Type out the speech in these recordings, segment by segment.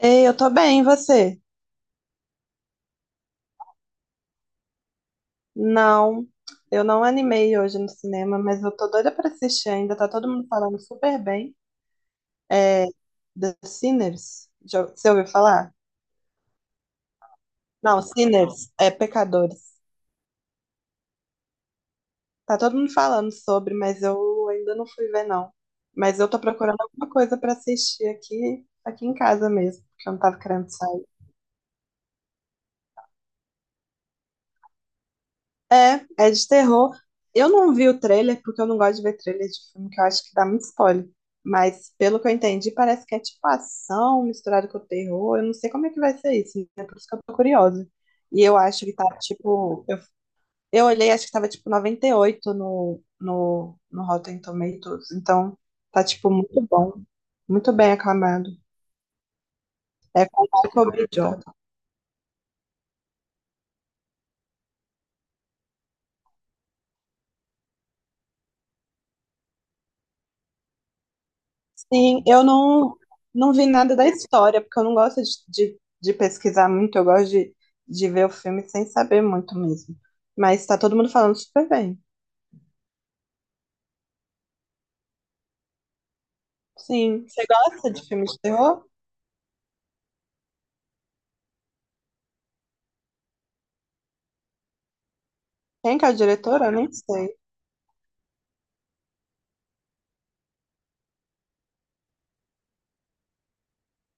Ei, eu tô bem, e você? Não, eu não animei hoje no cinema, mas eu tô doida pra assistir ainda. Tá todo mundo falando super bem. É The Sinners. Já, você ouviu falar? Não, Sinners, é Pecadores. Tá todo mundo falando sobre, mas eu ainda não fui ver, não. Mas eu tô procurando alguma coisa pra assistir aqui em casa mesmo, porque eu não tava querendo sair. É, é de terror. Eu não vi o trailer porque eu não gosto de ver trailer de filme, que eu acho que dá muito spoiler. Mas pelo que eu entendi, parece que é tipo ação misturada com terror. Eu não sei como é que vai ser isso, né? Por isso que eu tô curiosa. E eu acho que tá tipo. Eu olhei, acho que tava tipo 98 no Rotten Tomatoes. Então tá tipo muito bom, muito bem aclamado. É com o Michael B. Sim, eu não vi nada da história, porque eu não gosto de pesquisar muito, eu gosto de ver o filme sem saber muito mesmo. Mas tá todo mundo falando super bem. Sim, você gosta de filme de terror? Quem que é o diretor? Eu nem sei.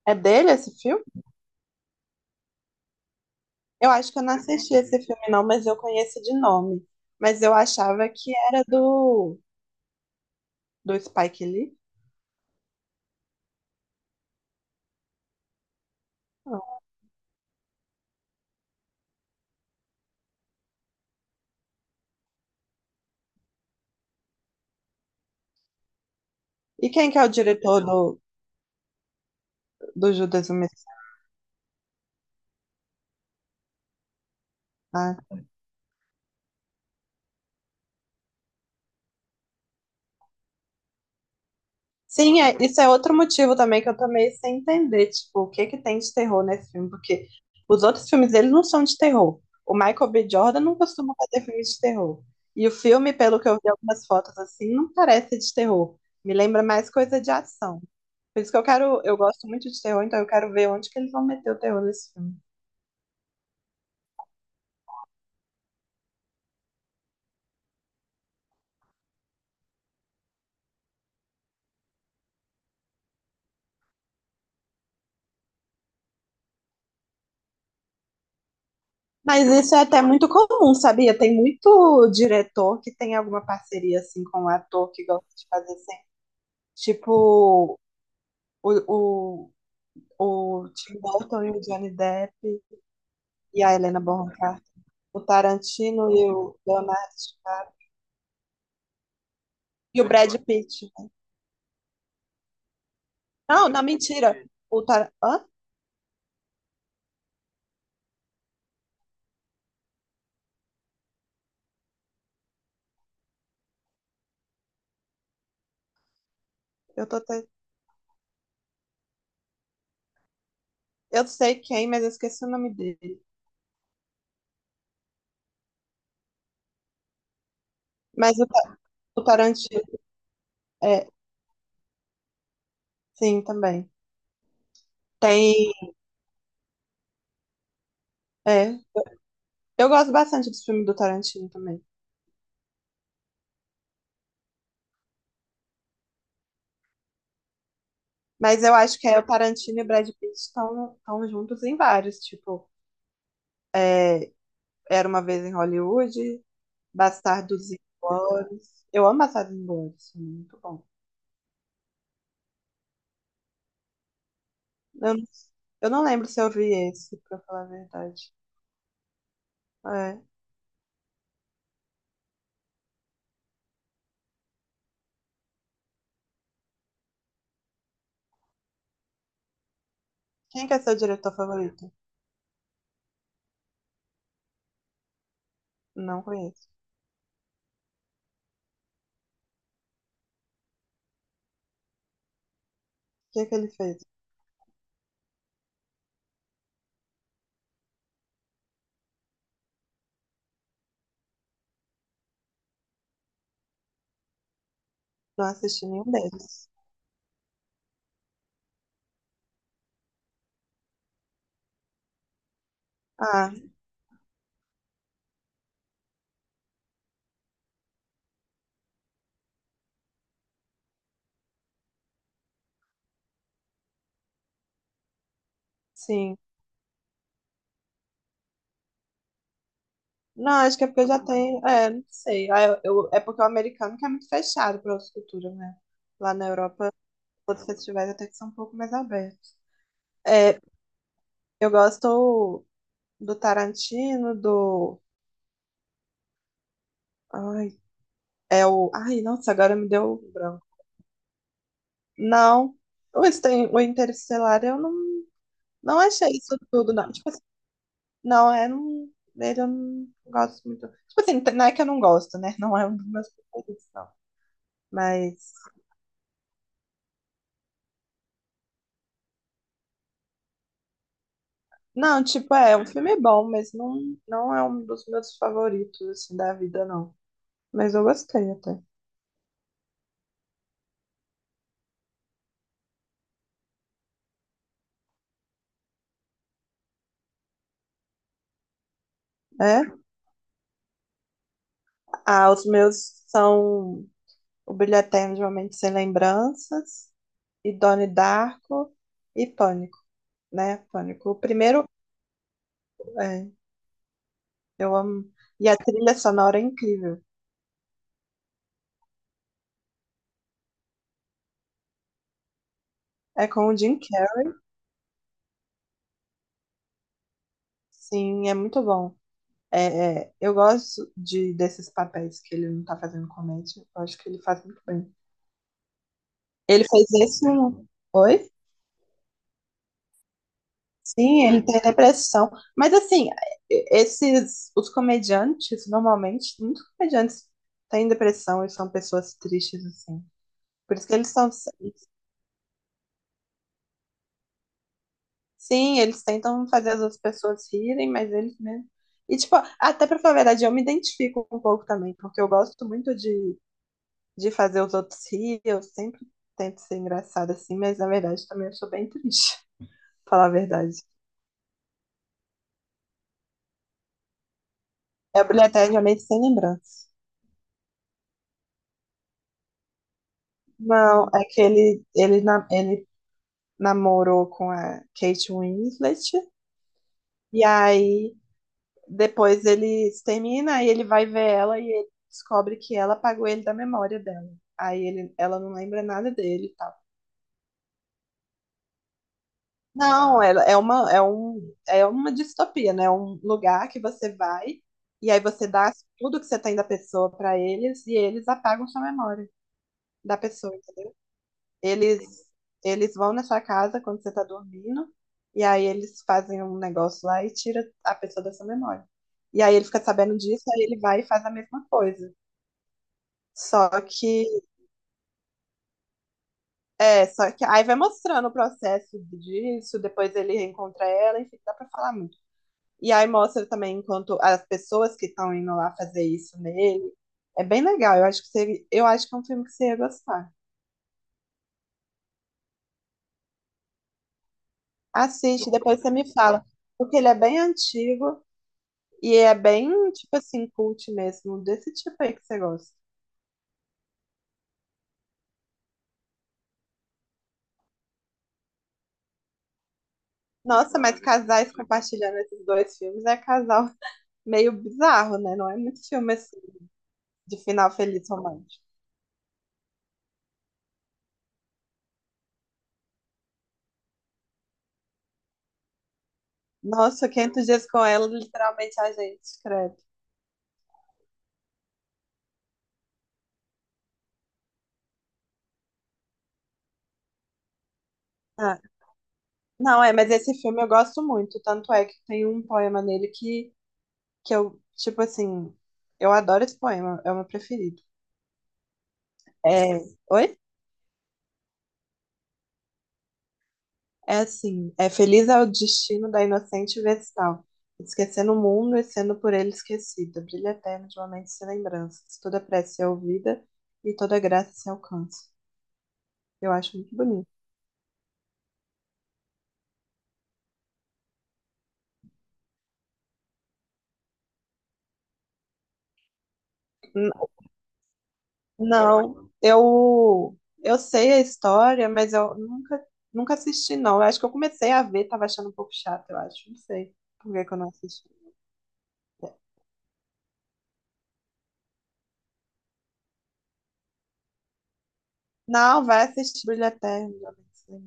É dele esse filme? Eu acho que eu não assisti esse filme não, mas eu conheço de nome. Mas eu achava que era do Spike Lee. E quem que é o diretor do Judas e o Messias? Sim, é, isso é outro motivo também que eu tô meio sem entender, tipo, o que que tem de terror nesse filme, porque os outros filmes eles não são de terror. O Michael B. Jordan não costuma fazer filmes de terror. E o filme, pelo que eu vi algumas fotos assim, não parece de terror. Me lembra mais coisa de ação. Por isso que eu quero, eu gosto muito de terror, então eu quero ver onde que eles vão meter o terror nesse filme. Mas isso é até muito comum, sabia? Tem muito diretor que tem alguma parceria assim com o ator que gosta de fazer sempre. Tipo, o, o Tim Burton e o Johnny Depp e a Helena Bonham Carter, o Tarantino e o Leonardo DiCaprio e o Brad Pitt. Não, não, mentira. Hã? Eu tô te- eu sei quem, mas eu esqueci o nome dele. Mas o Tarantino, é, sim, também. Tem, é. Eu gosto bastante dos filmes do Tarantino também. Mas eu acho que é o Tarantino e o Brad Pitt estão juntos em vários, tipo, é, Era uma vez em Hollywood, Bastardos Inglórios. Eu amo Bastardos Inglórios, muito bom. Eu, não- eu não lembro se eu vi esse, pra falar a verdade. É. Quem que é seu diretor favorito? Não conheço. O que é que ele fez? Não assisti nenhum deles. Ah, sim. Não, acho que é porque eu já tenho. É, não sei. Ah, é porque o americano que é muito fechado para outras culturas, né? Lá na Europa, outros festivais até que são um pouco mais abertos. É, eu gosto do Tarantino, do. Ai, é o. Ai, nossa, agora me deu o branco. Não. O Interestelar eu não achei isso tudo, não. Tipo assim, não, é. Não, dele eu não gosto muito. Tipo assim, não é que eu não gosto, né? Não é um dos meus favoritos, não. Mas. Não, tipo, é um filme é bom, mas não é um dos meus favoritos, assim, da vida, não. Mas eu gostei até. É? Ah, os meus são O Brilho Eterno de Uma Mente Sem Lembranças, e Donnie Darko e Pânico. Né? Pânico. O primeiro, é, eu amo. E a trilha sonora é incrível. É com o Jim Carrey, sim, é muito bom. É, eu gosto de, desses papéis que ele não tá fazendo comédia. Eu acho que ele faz muito bem. Ele fez esse um. Oi? Sim, ele tem depressão. Mas assim, esses os comediantes, normalmente, muitos comediantes têm depressão e são pessoas tristes, assim. Por isso que eles são Sim, eles tentam fazer as outras pessoas rirem, mas eles mesmo. E, tipo, até pra falar a verdade, eu me identifico um pouco também, porque eu gosto muito de, fazer os outros rir, eu sempre tento ser engraçada assim, mas na verdade também eu sou bem triste, pra falar a verdade. É obrigatoriamente sem lembrança. Não, é que ele namorou com a Kate Winslet, e aí depois eles terminam e ele vai ver ela e ele descobre que ela apagou ele da memória dela. Aí ele, ela não lembra nada dele e tal. Não, é uma, é uma distopia, né? É um lugar que você vai e aí você dá tudo que você tem da pessoa pra eles e eles apagam sua memória da pessoa. Eles, eles vão na sua casa quando você tá dormindo e aí eles fazem um negócio lá e tira a pessoa da sua memória. E aí ele fica sabendo disso, aí ele vai e faz a mesma coisa. Só que, só que aí vai mostrando o processo disso, depois ele reencontra ela, enfim, dá pra falar muito. E aí mostra também enquanto as pessoas que estão indo lá fazer isso nele. É bem legal, eu acho que é um filme que você ia gostar. Assiste, depois você me fala, porque ele é bem antigo e é bem, tipo assim, cult mesmo, desse tipo aí que você gosta. Nossa, mas casais compartilhando esses dois filmes é casal meio bizarro, né? Não é muito filme assim, de final feliz romântico. Nossa, 500 dias com ela, literalmente a gente escreve. Ah, não, é, mas esse filme eu gosto muito. Tanto é que tem um poema nele que eu, tipo assim, eu adoro esse poema, é o meu preferido. É, oi? É assim, é feliz é o destino da inocente vestal, esquecendo o mundo e sendo por ele esquecida, brilho eterno de uma mente sem lembranças, toda prece é ouvida e toda graça se alcança. Eu acho muito bonito. Não, eu sei a história, mas eu nunca assisti não. Eu acho que eu comecei a ver, tava achando um pouco chato, eu acho. Não sei por que que eu não assisti. Não, vai assistir Brilho Eterno, Jovem Sem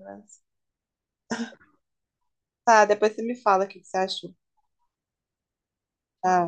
Tá, depois você me fala o que que você achou. Tá.